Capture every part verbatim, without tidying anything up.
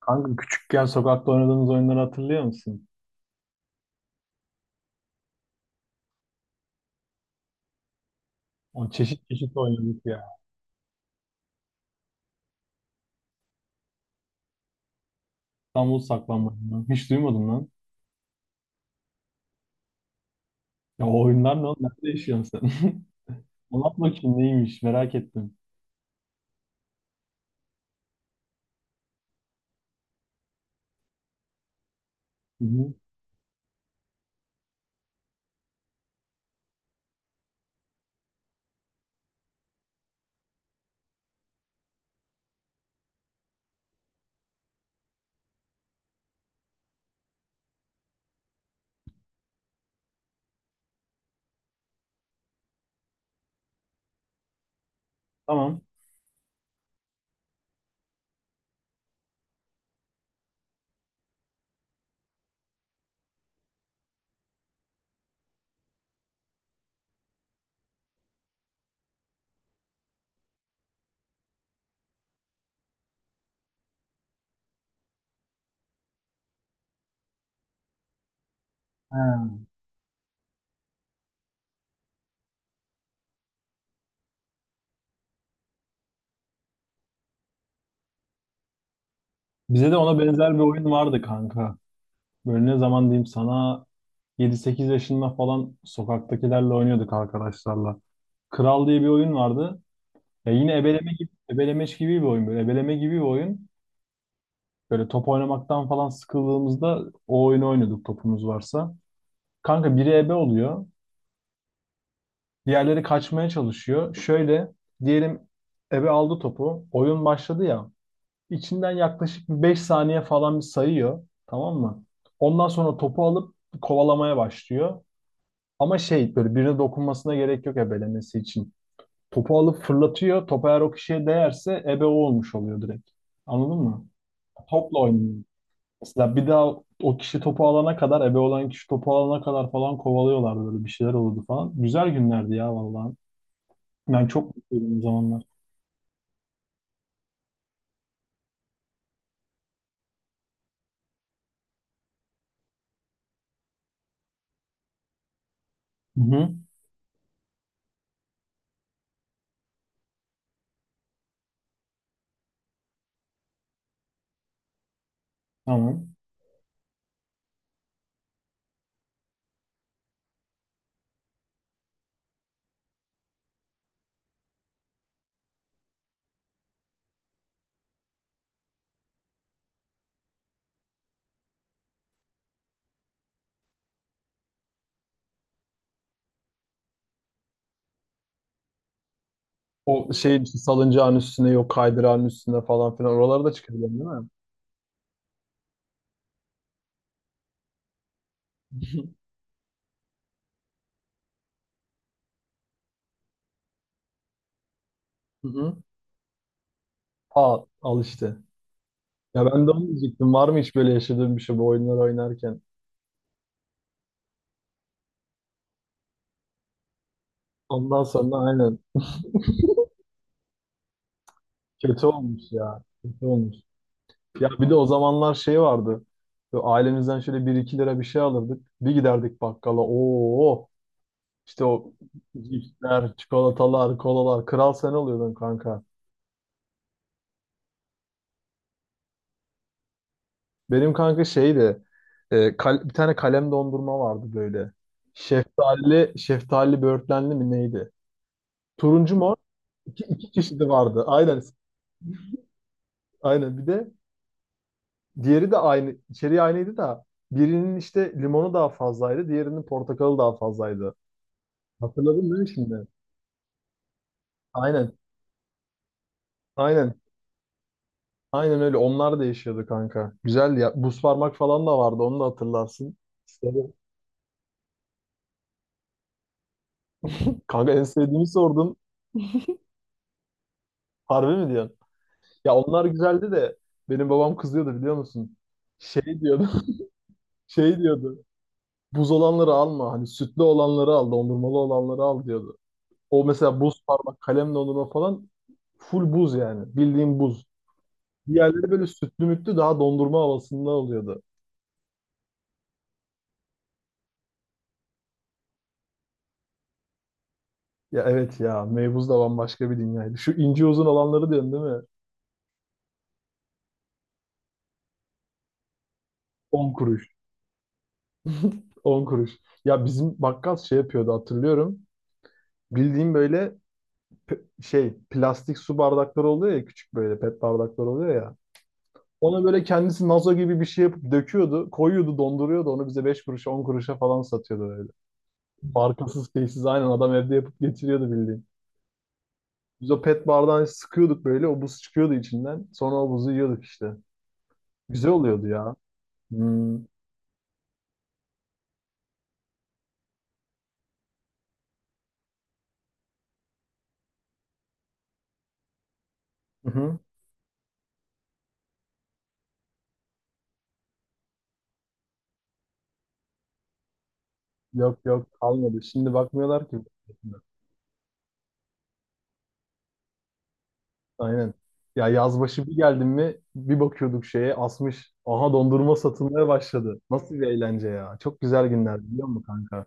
Kanka küçükken sokakta oynadığımız oyunları hatırlıyor musun? O çeşit çeşit oynadık ya. İstanbul saklambaç. Hiç duymadım lan. Ya o oyunlar ne oğlum? Nerede yaşıyorsun sen? Anlat bakayım neymiş merak ettim. Hı hı. Tamam. He. Bize de ona benzer bir oyun vardı kanka. Böyle ne zaman diyeyim sana. Yedi sekiz yaşında falan sokaktakilerle oynuyorduk arkadaşlarla. Kral diye bir oyun vardı. Ya yine ebeleme gibi, ebelemeç gibi bir oyun böyle. Ebeleme gibi bir oyun. Böyle top oynamaktan falan sıkıldığımızda o oyunu oynuyorduk topumuz varsa. Kanka biri ebe oluyor. Diğerleri kaçmaya çalışıyor. Şöyle diyelim, ebe aldı topu. Oyun başladı ya. İçinden yaklaşık bir beş saniye falan bir sayıyor. Tamam mı? Ondan sonra topu alıp kovalamaya başlıyor. Ama şey böyle birine dokunmasına gerek yok ebelemesi için. Topu alıp fırlatıyor. Top eğer o kişiye değerse ebe o olmuş oluyor direkt. Anladın mı? Topla oynuyor. Mesela bir daha o kişi topu alana kadar, ebe olan kişi topu alana kadar falan kovalıyorlardı, böyle bir şeyler olurdu falan. Güzel günlerdi ya vallahi. Ben çok mutluydum o zamanlar. Hı hı. Tamam. O şey işte salıncağın üstüne yok kaydırağın üstüne falan filan oralarda çıkabiliyorum değil mi? Hı hı. Aa, al işte. Ya ben de onu diyecektim. Var mı hiç böyle yaşadığım bir şey bu oyunlar oynarken? Ondan sonra aynen. Kötü olmuş ya. Kötü olmuş. Ya bir de o zamanlar şey vardı. Böyle ailemizden şöyle bir iki lira bir şey alırdık. Bir giderdik bakkala. Oo, işte o cipsler, çikolatalar, kolalar. Kral sen oluyordun kanka. Benim kanka şeydi. E, kal- bir tane kalem dondurma vardı böyle. Şeftali, şeftali böğürtlenli mi neydi? Turuncu mor. İki, iki çeşidi vardı. Aynen. Aynen. Bir de diğeri de aynı, içeriği aynıydı da birinin işte limonu daha fazlaydı. Diğerinin portakalı daha fazlaydı. Hatırladın mı şimdi? Aynen. Aynen. Aynen öyle. Onlar da yaşıyordu kanka. Güzeldi ya. Buz parmak falan da vardı. Onu da hatırlarsın. İşte- Kanka en sevdiğimi sordun. Harbi mi diyorsun? Ya onlar güzeldi de benim babam kızıyordu biliyor musun? Şey diyordu. Şey diyordu. Buz olanları alma. Hani sütlü olanları al. Dondurmalı olanları al diyordu. O mesela buz parmak, kalem dondurma falan full buz yani. Bildiğim buz. Diğerleri böyle sütlü mütlü daha dondurma havasında oluyordu. Ya evet ya meybuz da bambaşka bir dünyaydı. Şu ince uzun olanları diyorsun değil mi? On kuruş. On kuruş. Ya bizim bakkal şey yapıyordu hatırlıyorum. Bildiğim böyle p- şey plastik su bardakları oluyor ya, küçük böyle pet bardakları oluyor ya. Ona böyle kendisi nazo gibi bir şey yapıp döküyordu. Koyuyordu donduruyordu onu bize beş kuruşa on kuruşa falan satıyordu böyle. Markasız şeysiz aynen adam evde yapıp getiriyordu bildiğin. Biz o pet bardağı sıkıyorduk böyle o buz çıkıyordu içinden. Sonra o buzu yiyorduk işte. Güzel oluyordu ya. Hmm. Hı hı. Yok yok kalmadı. Şimdi bakmıyorlar ki. Aynen. Ya yaz başı bir geldim mi bir bakıyorduk şeye asmış. Aha dondurma satılmaya başladı. Nasıl bir eğlence ya. Çok güzel günler biliyor musun kanka?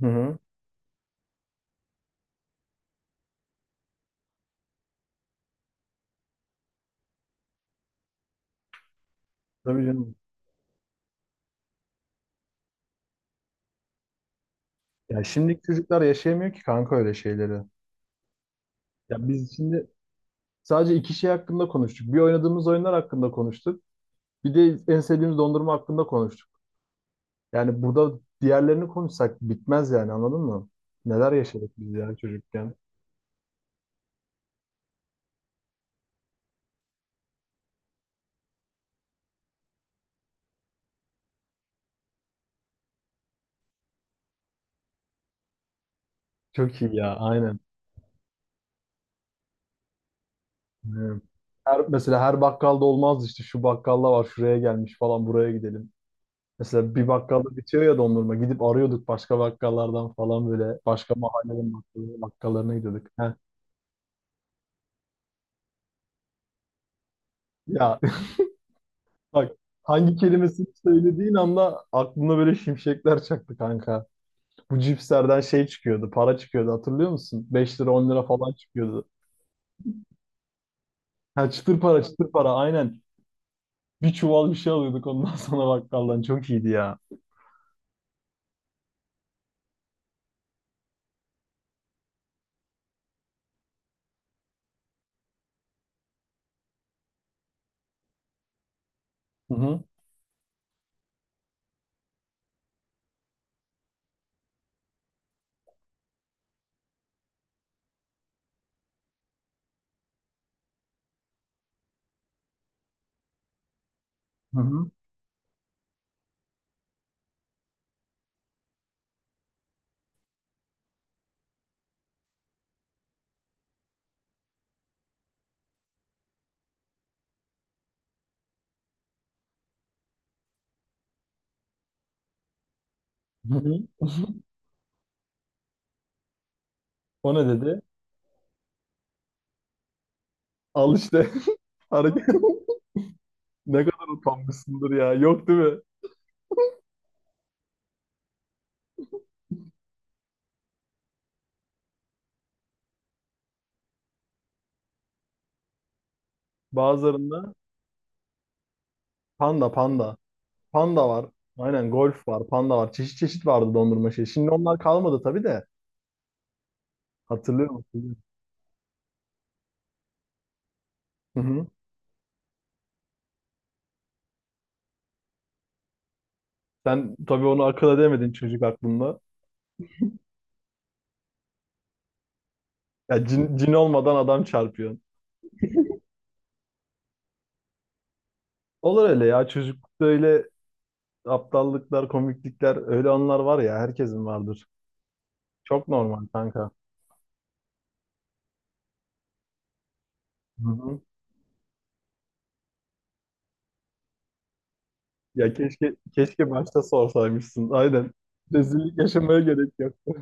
Hı hı. Tabii canım. Ya şimdiki çocuklar yaşayamıyor ki kanka öyle şeyleri. Ya biz şimdi sadece iki şey hakkında konuştuk. Bir oynadığımız oyunlar hakkında konuştuk. Bir de en sevdiğimiz dondurma hakkında konuştuk. Yani burada diğerlerini konuşsak bitmez yani anladın mı? Neler yaşadık biz ya çocukken. Çok iyi ya aynen. Ee, Her, mesela her bakkalda olmaz işte şu bakkalda var şuraya gelmiş falan buraya gidelim. Mesela bir bakkalda bitiyor ya dondurma gidip arıyorduk başka bakkallardan falan böyle başka mahallenin bakkalı- bakkallarına gidiyorduk. Heh. Ya bak hangi kelimesini söylediğin anda aklına böyle şimşekler çaktı kanka. Bu cipslerden şey çıkıyordu para çıkıyordu hatırlıyor musun? Beş lira on lira falan çıkıyordu. Ha çıtır para çıtır para aynen. Bir çuval bir şey alıyorduk ondan sonra bakkaldan çok iyiydi ya. Hı hı. Hı hı. Hı hı. O ne dedi? Al işte. Hareket. Ne kadar utanmışsındır ya. Yok değil mi? Bazılarında panda panda. Panda var. Aynen golf var, panda var. Çeşit çeşit vardı dondurma şey. Şimdi onlar kalmadı tabii de. Hatırlıyor musun? Hı hı. Sen tabii onu akıl edemedin çocuk aklında. Ya cin, cin olmadan adam çarpıyor. Olur öyle ya. Çocuklukta öyle aptallıklar, komiklikler, öyle anlar var ya herkesin vardır. Çok normal kanka. Hı hı. Ya keşke keşke başta sorsaymışsın. Aynen. Rezillik yaşamaya gerek yok.